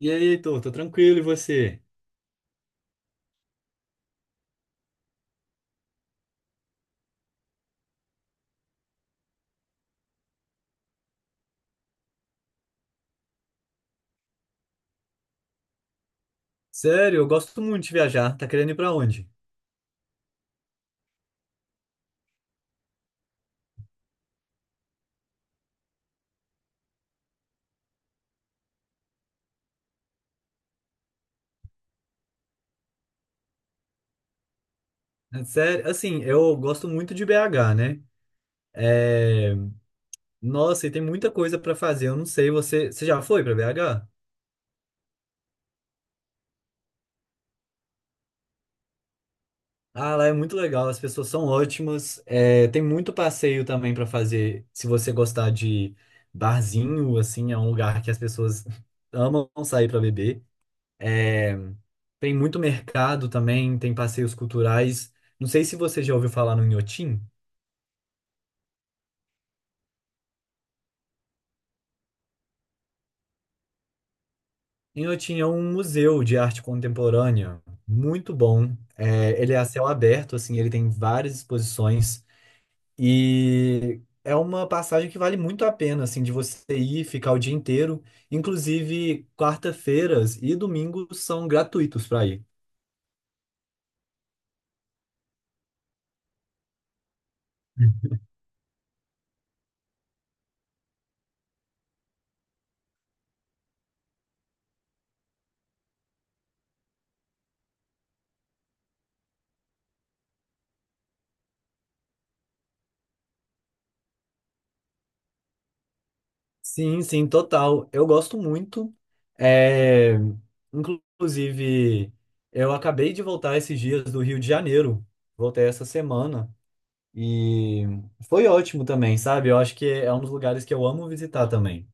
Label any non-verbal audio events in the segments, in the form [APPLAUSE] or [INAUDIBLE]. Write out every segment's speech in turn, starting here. E aí, Heitor, tô tranquilo, e você? Sério, eu gosto muito de viajar. Tá querendo ir pra onde? Sério, assim, eu gosto muito de BH, né? É... Nossa, e tem muita coisa pra fazer. Eu não sei, você já foi pra BH? Ah, lá é muito legal, as pessoas são ótimas. Tem muito passeio também pra fazer. Se você gostar de barzinho, assim, é um lugar que as pessoas [LAUGHS] amam sair pra beber. É, Tem muito mercado também, tem passeios culturais. Não sei se você já ouviu falar no Inhotim. Eu tinha um museu de arte contemporânea muito bom. Ele é a céu aberto, assim, ele tem várias exposições e é uma passagem que vale muito a pena, assim, de você ir ficar o dia inteiro. Inclusive, quarta-feiras e domingos são gratuitos para ir. Sim, sim, total. Eu gosto muito. É, Inclusive, eu acabei de voltar esses dias do Rio de Janeiro. Voltei essa semana. E foi ótimo também, sabe? Eu acho que é um dos lugares que eu amo visitar também.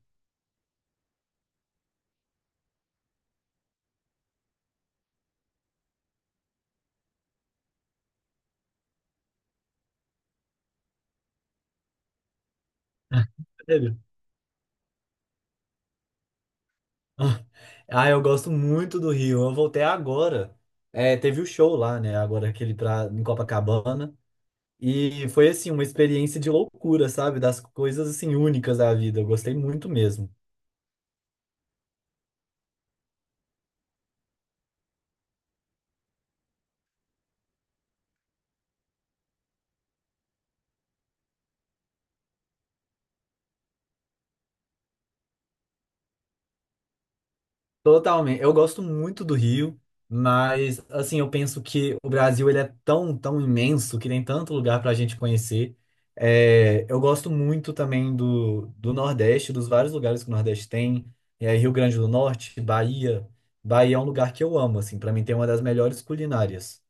Sério? [LAUGHS] Ah, eu gosto muito do Rio. Eu voltei agora. Teve o show lá, né? Agora em Copacabana. E foi assim, uma experiência de loucura, sabe? Das coisas assim únicas da vida. Eu gostei muito mesmo. Totalmente. Eu gosto muito do Rio, mas assim, eu penso que o Brasil ele é tão, tão imenso que tem tanto lugar para a gente conhecer. Eu gosto muito também do Nordeste, dos vários lugares que o Nordeste tem. Rio Grande do Norte, Bahia. Bahia é um lugar que eu amo, assim, para mim tem uma das melhores culinárias.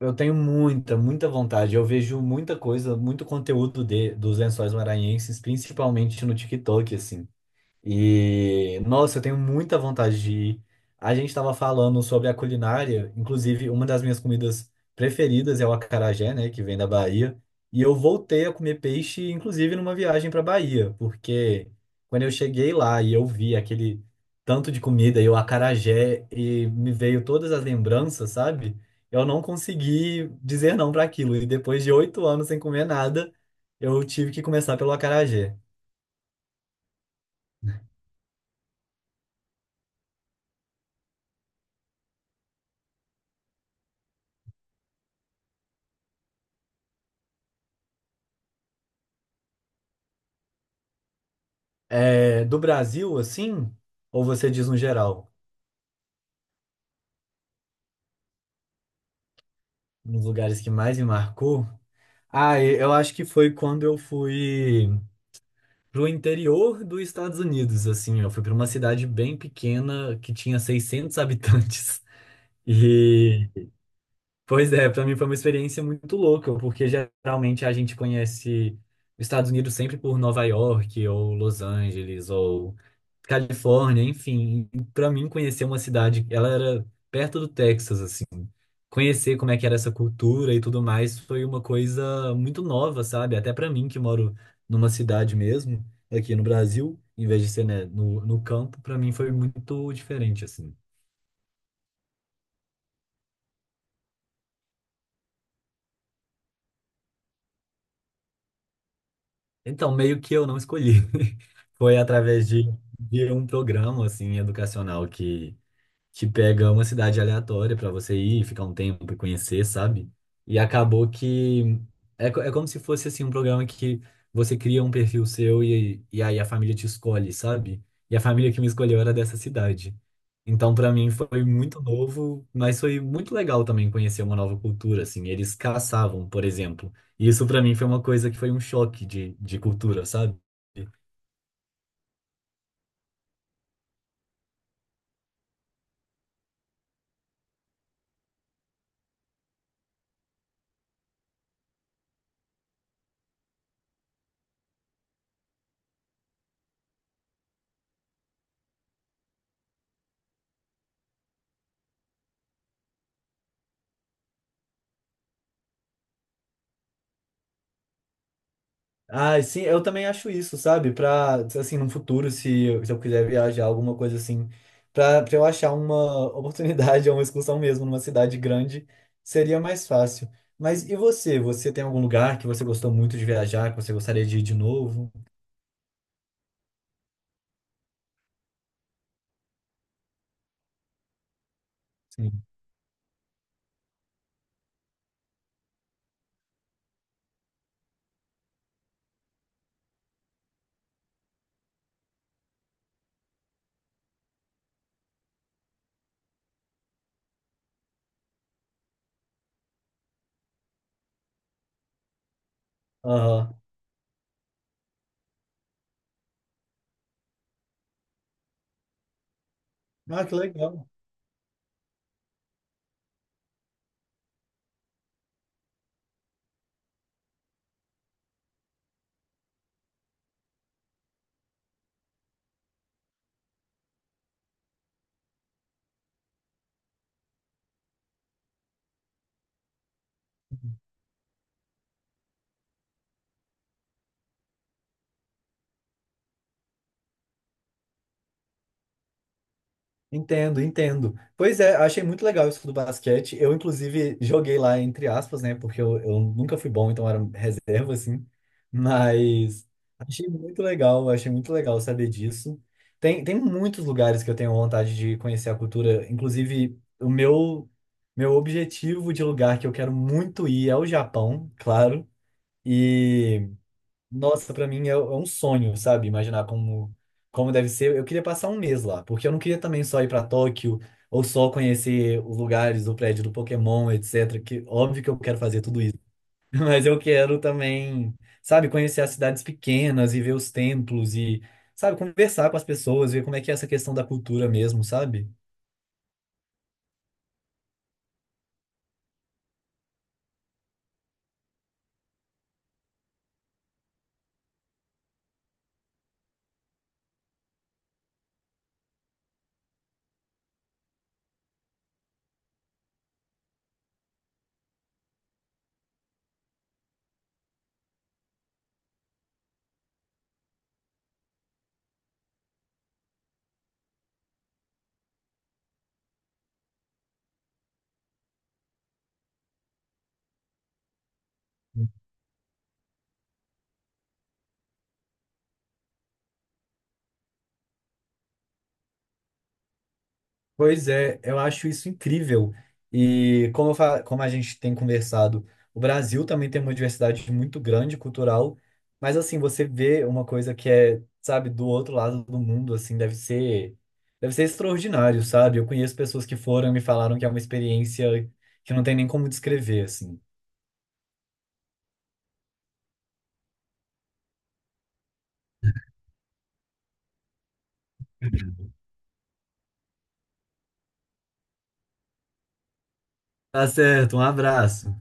Eu tenho muita, muita vontade. Eu vejo muita coisa, muito conteúdo dos Lençóis Maranhenses, principalmente no TikTok, assim. E, nossa, eu tenho muita vontade de ir. A gente estava falando sobre a culinária, inclusive uma das minhas comidas preferidas é o acarajé, né, que vem da Bahia. E eu voltei a comer peixe, inclusive numa viagem para Bahia, porque quando eu cheguei lá e eu vi aquele tanto de comida e o acarajé e me veio todas as lembranças, sabe? Eu não consegui dizer não para aquilo. E depois de 8 anos sem comer nada, eu tive que começar pelo acarajé. Do Brasil, assim, ou você diz no geral, nos lugares que mais me marcou? Ah, eu acho que foi quando eu fui pro interior dos Estados Unidos, assim, eu fui para uma cidade bem pequena que tinha 600 habitantes. [LAUGHS] E Pois é, para mim foi uma experiência muito louca, porque geralmente a gente conhece os Estados Unidos sempre por Nova York, ou Los Angeles, ou Califórnia, enfim. Para mim, conhecer uma cidade, ela era perto do Texas, assim. Conhecer como é que era essa cultura e tudo mais foi uma coisa muito nova, sabe? Até para mim, que moro numa cidade mesmo, aqui no Brasil, em vez de ser, né, no campo, para mim foi muito diferente, assim. Então, meio que eu não escolhi. [LAUGHS] Foi através de um programa, assim, educacional que pega uma cidade aleatória pra você ir, ficar um tempo e conhecer, sabe? E acabou que é como se fosse assim um programa que você cria um perfil seu e aí a família te escolhe, sabe? E a família que me escolheu era dessa cidade. Então, pra mim foi muito novo, mas foi muito legal também conhecer uma nova cultura, assim. Eles caçavam, por exemplo. E isso pra mim foi uma coisa que foi um choque de cultura, sabe? Ah, sim, eu também acho isso, sabe? Pra, assim, no futuro, se eu quiser viajar, alguma coisa assim, pra eu achar uma oportunidade, [LAUGHS] uma excursão mesmo, numa cidade grande, seria mais fácil. Mas e você? Você tem algum lugar que você gostou muito de viajar, que você gostaria de ir de novo? Sim. Aham. Ah, que legal. Entendo, entendo. Pois é, achei muito legal isso do basquete. Eu, inclusive, joguei lá, entre aspas, né? Porque eu nunca fui bom, então era reserva, assim. Mas achei muito legal saber disso. Tem muitos lugares que eu tenho vontade de conhecer a cultura. Inclusive, o meu objetivo de lugar que eu quero muito ir é o Japão, claro. E nossa, pra mim é um sonho, sabe? Imaginar como deve ser. Eu queria passar um mês lá, porque eu não queria também só ir pra Tóquio ou só conhecer os lugares, o prédio do Pokémon, etc. Que óbvio que eu quero fazer tudo isso, [LAUGHS] mas eu quero também, sabe, conhecer as cidades pequenas e ver os templos e, sabe, conversar com as pessoas, ver como é que é essa questão da cultura mesmo, sabe? Pois é, eu acho isso incrível. E como, como a gente tem conversado, o Brasil também tem uma diversidade muito grande cultural, mas assim, você vê uma coisa que é, sabe, do outro lado do mundo, assim, deve ser extraordinário, sabe? Eu conheço pessoas que foram e me falaram que é uma experiência que não tem nem como descrever, assim. Tá certo, um abraço.